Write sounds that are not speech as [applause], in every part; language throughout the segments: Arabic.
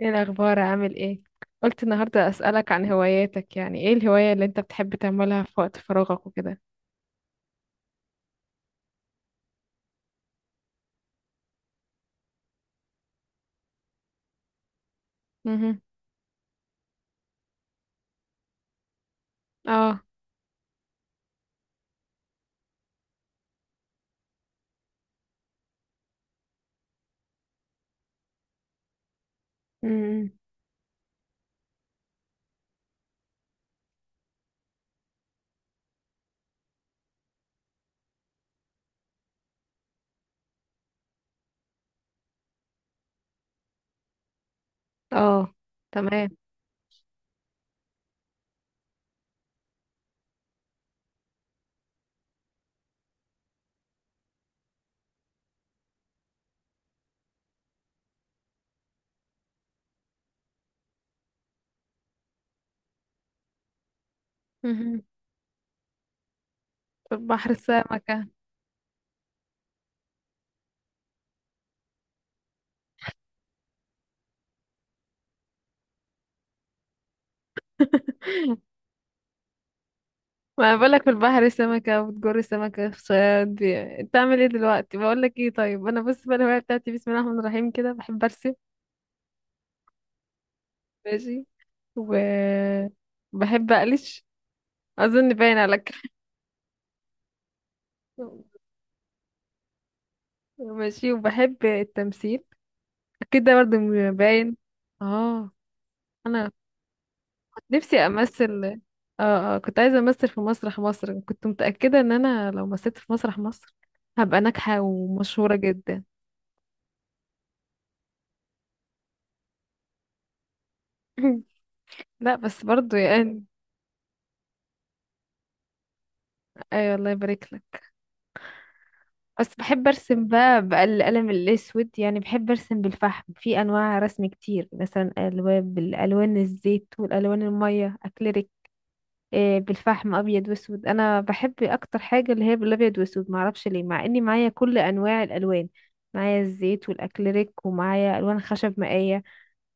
ايه الاخبار؟ عامل ايه؟ قلت النهارده اسالك عن هواياتك. يعني ايه الهوايه اللي انت بتحب تعملها في وقت فراغك وكده؟ امم. اه. امم. اه، تمام. امم. في البحر سمكه. [laughs] ما أنا بقولك في البحر سمكه وبتجر سمكه في صياد دي. بتعمل ايه دلوقتي؟ بقولك ايه، طيب انا بص بقى، الهوايه بتاعتي، بسم الله الرحمن الرحيم، كده بحب ارسم. ماشي. وبحب اقلش. اظن باين عليك. [laughs] ماشي. وبحب التمثيل. اكيد ده برضه باين. اه. انا كنت نفسي امثل. اه، اه، كنت عايزه امثل في مسرح مصر. كنت متاكده ان انا لو مثلت في مسرح مصر هبقى ناجحه ومشهوره جدا. [laughs] لا بس برضه يعني. اي الله يبارك لك. بس بحب ارسم بقى بالقلم الاسود، يعني بحب ارسم بالفحم. في انواع رسم كتير، مثلا الوان، بالالوان الزيت والالوان الميه، اكليريك. بالفحم ابيض واسود، انا بحب اكتر حاجه اللي هي بالابيض واسود. معرفش ليه، مع اني معايا كل انواع الالوان. معايا الزيت والاكليريك، ومعايا الوان خشب مائيه،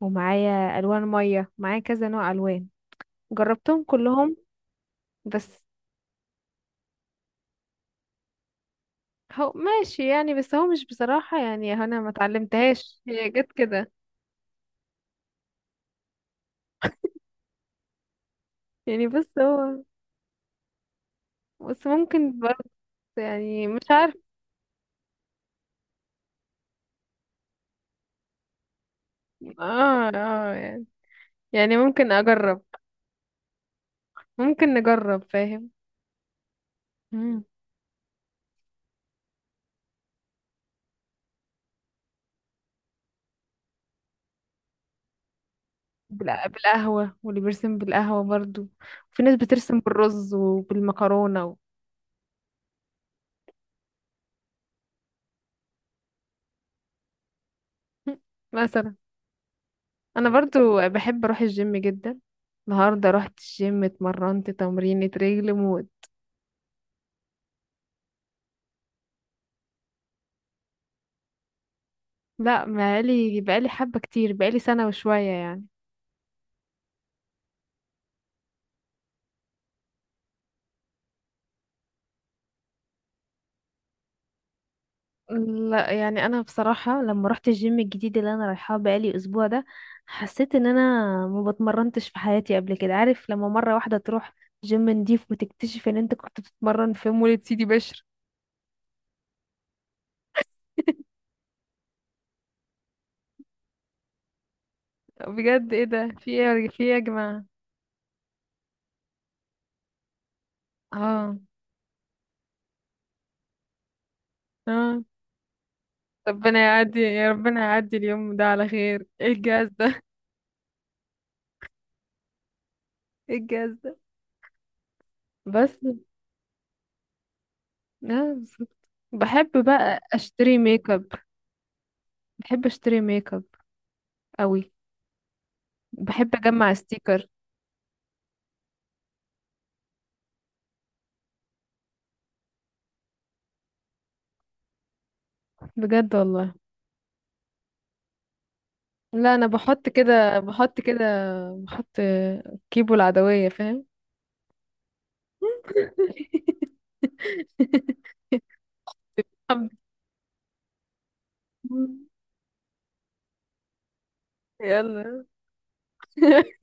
ومعايا الوان ميه، معايا كذا نوع الوان. جربتهم كلهم. بس هو ماشي يعني، بس هو مش بصراحه، يعني انا ما اتعلمتهاش، هي جت كده. يعني بس هو. بس ممكن برضه. يعني مش عارف. اه، اه، يعني. يعني ممكن اجرب. ممكن نجرب فاهم. مم. بالقهوة، واللي بيرسم بالقهوة برضو. وفي ناس بترسم بالرز وبالمكرونة و... [laughs] مثلا. أنا برضو بحب أروح الجيم جدا. النهاردة رحت الجيم، اتمرنت تمرينة رجل موت. لا، بقالي بقالي حبة كتير، بقالي سنة وشوية يعني. لا يعني، أنا بصراحة لما رحت الجيم الجديد اللي أنا رايحاه بقالي أسبوع ده، حسيت إن أنا ما بتمرنتش في حياتي قبل كده. عارف لما مرة واحدة تروح جيم نضيف وتكتشف إن أنت كنت بتتمرن في مولد سيدي بشر؟ [laughs] بجد، ايه ده؟ في ايه؟ في ايه يا جماعة؟ اه، اه. ربنا يعدي، يا ربنا يعدي اليوم ده على خير. ايه الجهاز ده؟ [laughs] ايه الجهاز ده؟ بس. اه بالظبط. بحب بقى اشتري ميك اب. بحب اشتري ميك اب قوي. بحب اجمع ستيكر. بجد والله. لا، انا بحط كده، بحط كده، بحط كيبو العدوية فاهم. [laughs] يلا. [laughs]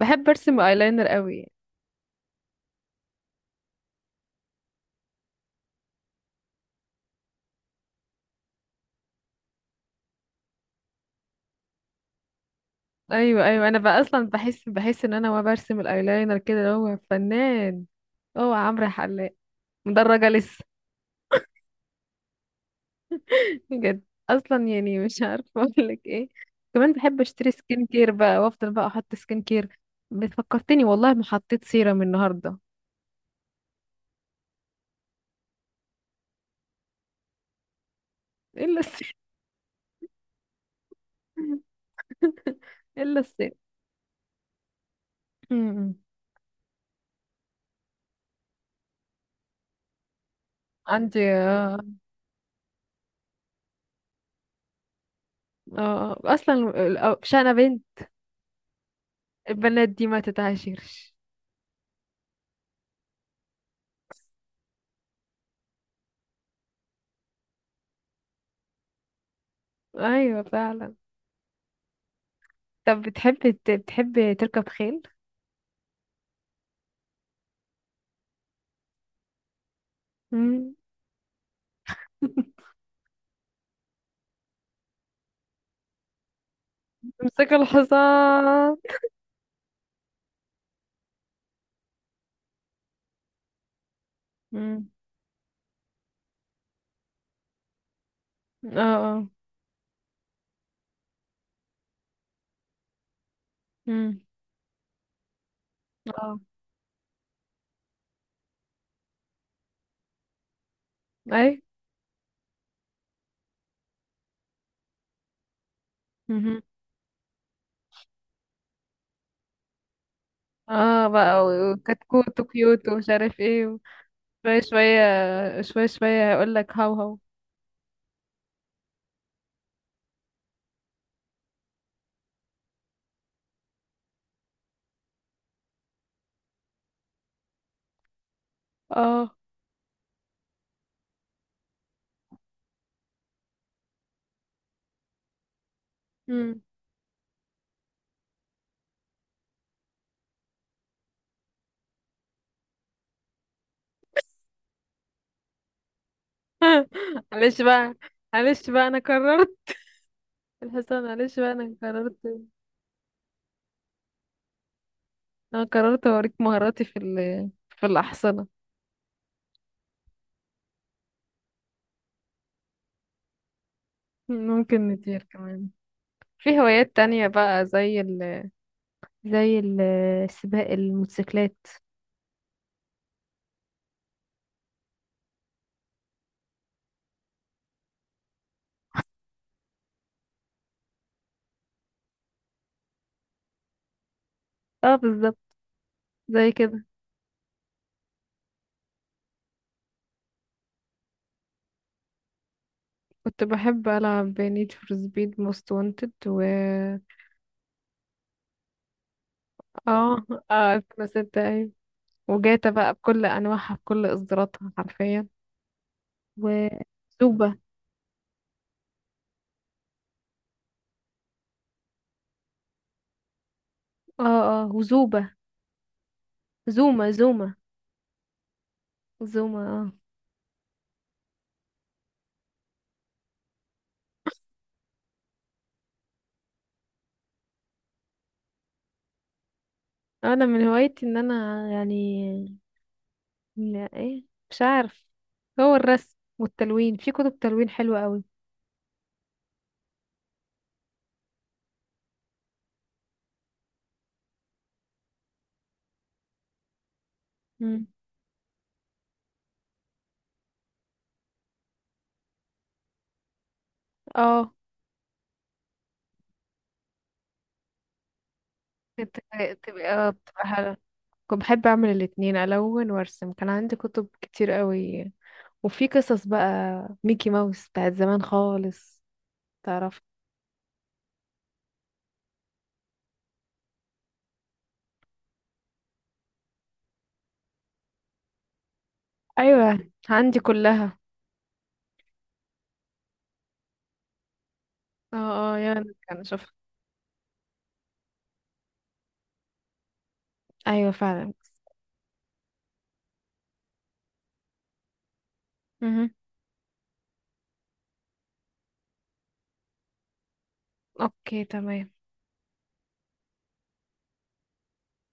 بحب ارسم ايلاينر قوي. ايوه، ايوه، انا بقى اصلا بحس بحس ان انا وانا برسم الايلاينر كده اللي هو فنان. هو عمرو حلاق. مدرجه لسه. [laughs] بجد. اصلا يعني مش عارفه [laughs] اقول لك ايه. كمان بحب اشتري سكين كير بقى، وافضل بقى احط سكين كير. بتفكرتني، والله ما حطيت سيرم النهارده. الا السيرم. [laughs] الا السيرم. أمم. عندي، اه. اه. آه. اصلا شانا بنت. البنات دي ما تتعاشرش. ايوه فعلا. طب بتحب تركب خيل؟ مم. [laughs] امسك الحصان. مم. اه، اه. مم. اه. اي. مهم. اه بقى، وكتكوت وكيوت ومش عارف ايه. شوية شوية شوية شوية هقول لك هاو هاو. اه. مم. [laughs] معلش بقى. معلش بقى انا قررت. الحصان معلش بقى انا قررت. انا قررت اوريك مهاراتي في ال... في الأحصنة. ممكن نطير كمان. في هوايات تانية بقى زي ال... زي سباق الموتوسيكلات. اه بالظبط. زي كده. كنت بحب ألعب نيد فور سبيد موست وانتد و اه اه 2006 أيوة. وجاتا بقى بكل أنواعها بكل إصداراتها حرفيا. وزوبا. اه، اه، وزوبا. زوما زوما. زوما. اه. أنا من هوايتي إن أنا يعني، لا إيه، مش عارف. هو الرسم والتلوين في كتب تلوين حلوة قوي. مم. اه. كنت تبقى، بتبقى حلوة. كنت بحب أعمل الاتنين، ألون وأرسم. كان عندي كتب كتير قوي. وفي قصص بقى ميكي ماوس بتاعت زمان خالص، تعرف. ايوه عندي كلها. اه. اه يعني كان اشوفها. ايوه فعلا. مهم. اوكي تمام.